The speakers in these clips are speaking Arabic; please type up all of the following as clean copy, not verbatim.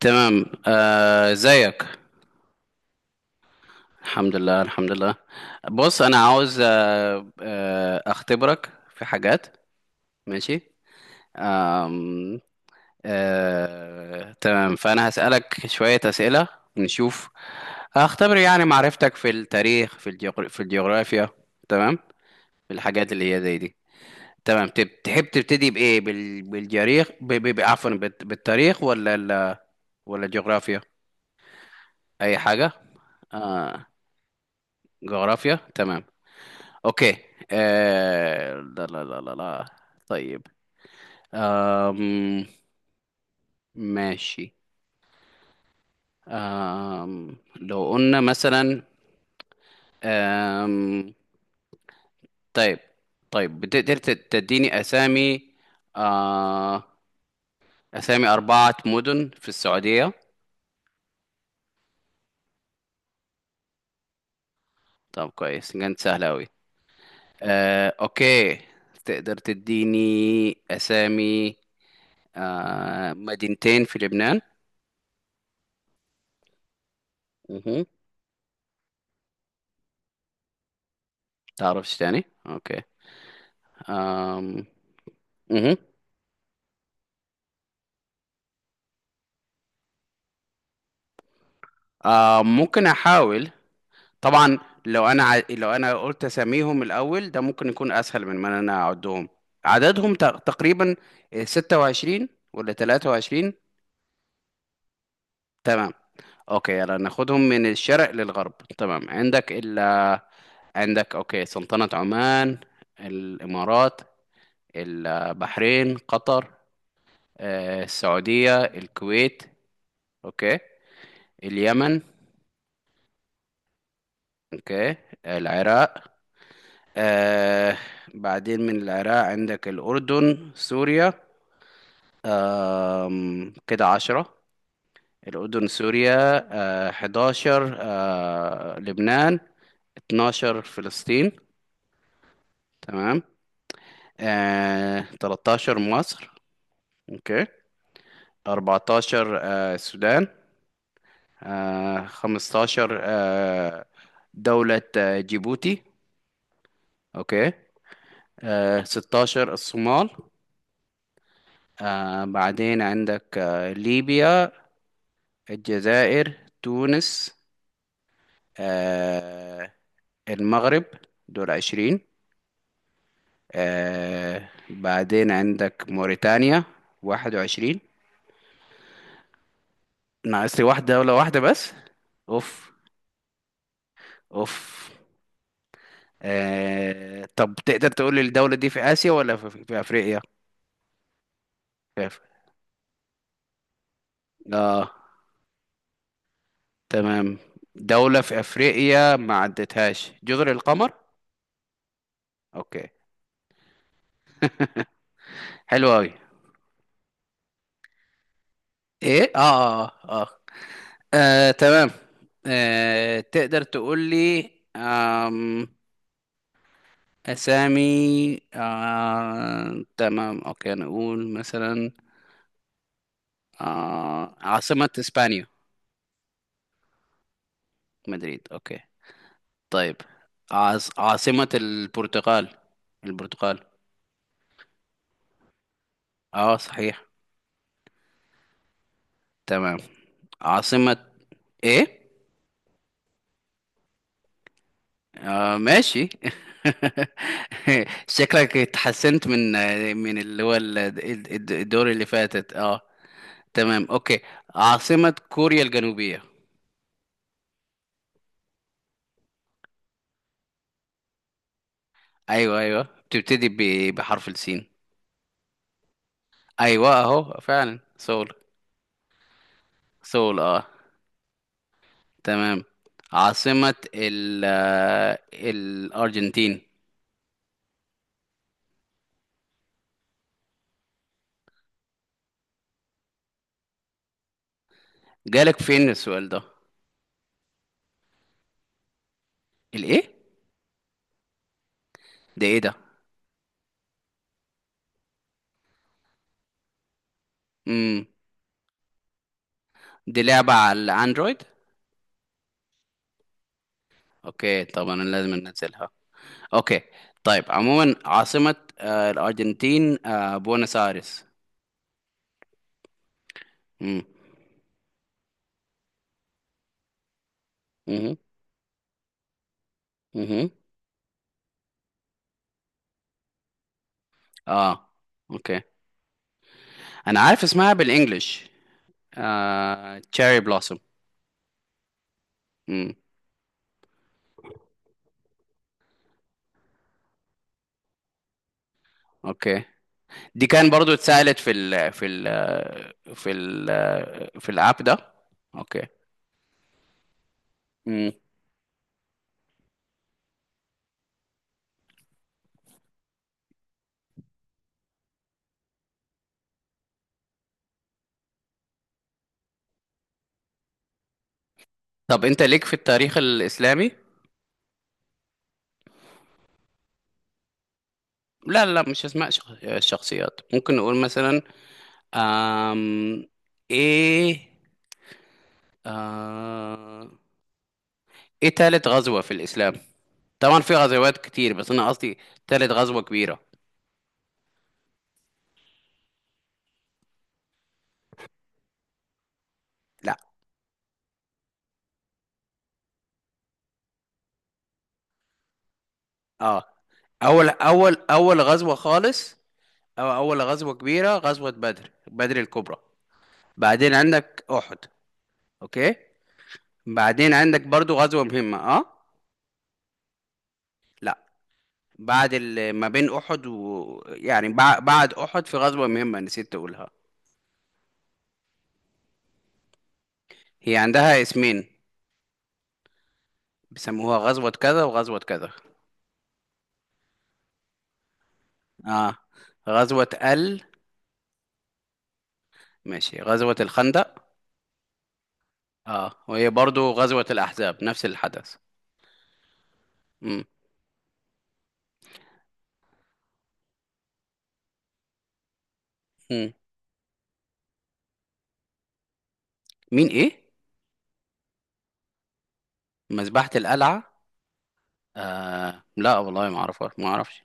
تمام. ازيك؟ الحمد لله، الحمد لله. بص، انا عاوز اختبرك في حاجات. ماشي. آم، تمام، فانا هسألك شوية أسئلة. نشوف. هختبر يعني معرفتك في التاريخ، في الجغرافيا. تمام. في الحاجات اللي هي زي دي. تمام. تحب تبتدي بإيه، بال... بالجريخ ب... ب... ب- عفوا، بالتاريخ ولا ولا الجغرافيا؟ اي حاجة. آه جغرافيا. تمام. اوكي. لا لا لا لا لا. طيب. آم... ماشي. لو قلنا مثلا. آم... طيب. طيب، بتقدر تديني اسامي آه... اسامي اربعة مدن في السعودية؟ طب كويس، كانت سهلة اوي. اوكي. تقدر تديني اسامي مدينتين في لبنان؟ مهو. تعرفش تاني؟ اوكي. آم... مهو. ممكن احاول. طبعا. لو انا قلت اساميهم الاول ده ممكن يكون اسهل من ما انا اعدهم. عددهم تقريبا 26 ولا 23. تمام. اوكي، يلا ناخدهم من الشرق للغرب. تمام، عندك عندك. اوكي، سلطنة عمان، الامارات، البحرين، قطر، السعودية، الكويت. اوكي. اليمن. اوكي. العراق. آه بعدين من العراق عندك الأردن، سوريا. كده 10. الأردن، سوريا. 11، لبنان. 12 فلسطين. تمام. 13 مصر. أوكي. 14، السودان. 15، دولة جيبوتي. أوكي. 16 الصومال. بعدين عندك ليبيا، الجزائر، تونس، آه المغرب. دول 20. بعدين عندك موريتانيا. 21. ناقص لي واحدة، دولة واحدة بس. اوف، اوف. طب تقدر تقول لي الدولة دي في آسيا ولا في أفريقيا؟ في أف- اه. تمام. دولة في أفريقيا ما عدتهاش، جزر القمر؟ اوكي. حلو أوي. ايه، اه، اه. اه. تمام. تقدر تقول لي آم، أسامي. تمام، أوكي، نقول مثلا عاصمة إسبانيا؟ مدريد. أوكي. طيب. عاصمة البرتغال. البرتغال. اه صحيح. تمام. عاصمة ايه. ماشي. شكلك اتحسنت من من اللي هو الدور اللي فاتت، اه. تمام. اوكي. عاصمة كوريا الجنوبية؟ ايوه، ايوه، بتبتدي بحرف السين. ايوه اهو، فعلا سول. سول، اه. تمام. عاصمة ال آه، الارجنتين؟ جالك فين السؤال ده؟ الايه؟ ده ايه ده؟ امم. دي لعبة على الاندرويد؟ اوكي، طبعا أنا لازم انزلها. اوكي. طيب عموما، عاصمة الارجنتين، بوينس ايرس. امم. امم. امم. اه. اوكي. انا عارف اسمها بالانجلش. تشيري بلوسوم. امم. اوكي. دي كان برضو اتسألت في ال في الاب ده. اوكي. امم. طب انت ليك في التاريخ الاسلامي؟ لا، لا، مش اسماء الشخصيات. ممكن نقول مثلا آم... ايه آه... ايه تالت غزوة في الاسلام؟ طبعا في غزوات كتير، بس انا قصدي تالت غزوة كبيرة. لا. اه، اول غزوة خالص. أو أول غزوة كبيرة، غزوة بدر، بدر الكبرى. بعدين عندك أحد. أوكي. بعدين عندك برضو غزوة مهمة، أه. لا. ما بين أحد بعد أحد في غزوة مهمة نسيت أقولها. هي عندها اسمين، بيسموها غزوة كذا وغزوة كذا. أه، غزوة ال ماشي، غزوة الخندق. أه، وهي برضو غزوة الأحزاب، نفس الحدث. مم. مم. مين إيه؟ مذبحة القلعة؟ لا والله، ما أعرفها، ما أعرفش.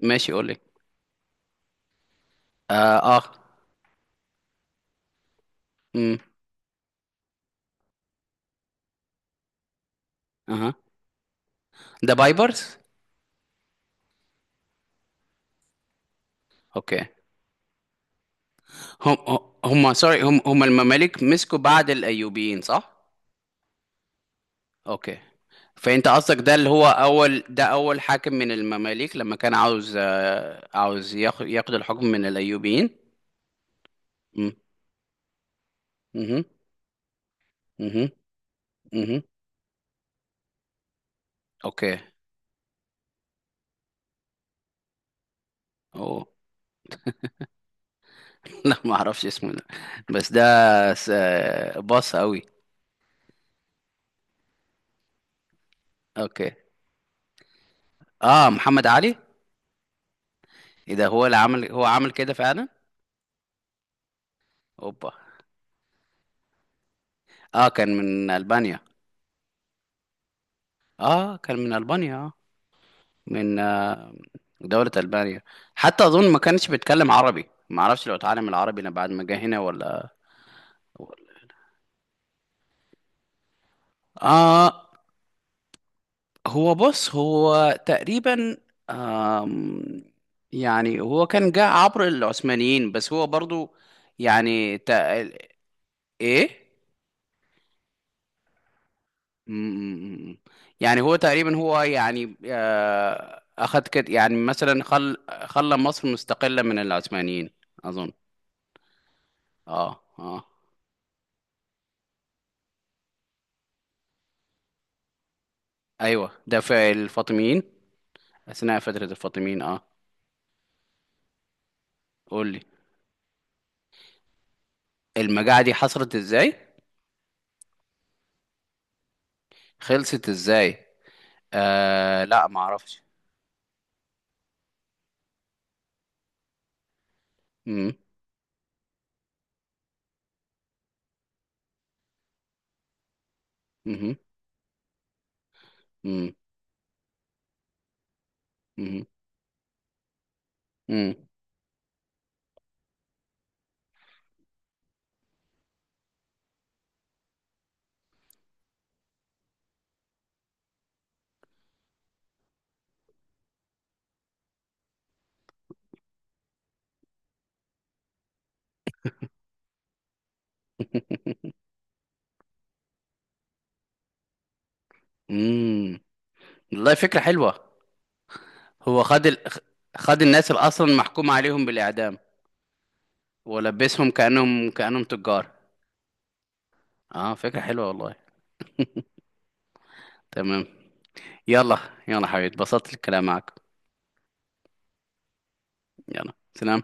ماشي، قول لي. اه، آه. امم. اها. ده بايبرز؟ اوكي. هم هم، سوري، هم المماليك مسكوا بعد الايوبيين، صح؟ اوكي. فانت قصدك ده اللي هو اول، ده اول حاكم من المماليك لما كان عاوز عاوز ياخد الحكم من الايوبيين. امم. امم. امم. امم. اوكي. اوه. لا، ما اعرفش اسمه ده. بس ده س- باص قوي. اوكي. اه، محمد علي. ايه ده، هو اللي عمل، هو عمل كده فعلا؟ اوبا. اه كان من ألبانيا. اه كان من ألبانيا، اه. من دولة ألبانيا. حتى أظن ما كانش بيتكلم عربي، ما اعرفش لو اتعلم العربي لما بعد ما جه هنا ولا ولا. اه. هو، بص، هو تقريبا آم يعني هو كان جه عبر العثمانيين، بس هو برضو يعني ايه. امم. يعني هو تقريبا، هو يعني اخد كده، يعني مثلا خلى مصر مستقلة من العثمانيين، اظن. اه، اه. ايوه، ده في الفاطميين. اثناء فترة الفاطميين، اه. قول لي. المجاعة دي حصلت ازاي؟ خلصت ازاي؟ لا، ما اعرفش. امم. امم. امم. امم. امم. امم. والله فكرة حلوة. هو خد خد الناس اللي اصلا محكوم عليهم بالاعدام. ولبسهم كأنهم تجار. اه، فكرة حلوة والله. تمام. يلا. يلا حبيبي، اتبسطت الكلام معاك. يلا سلام.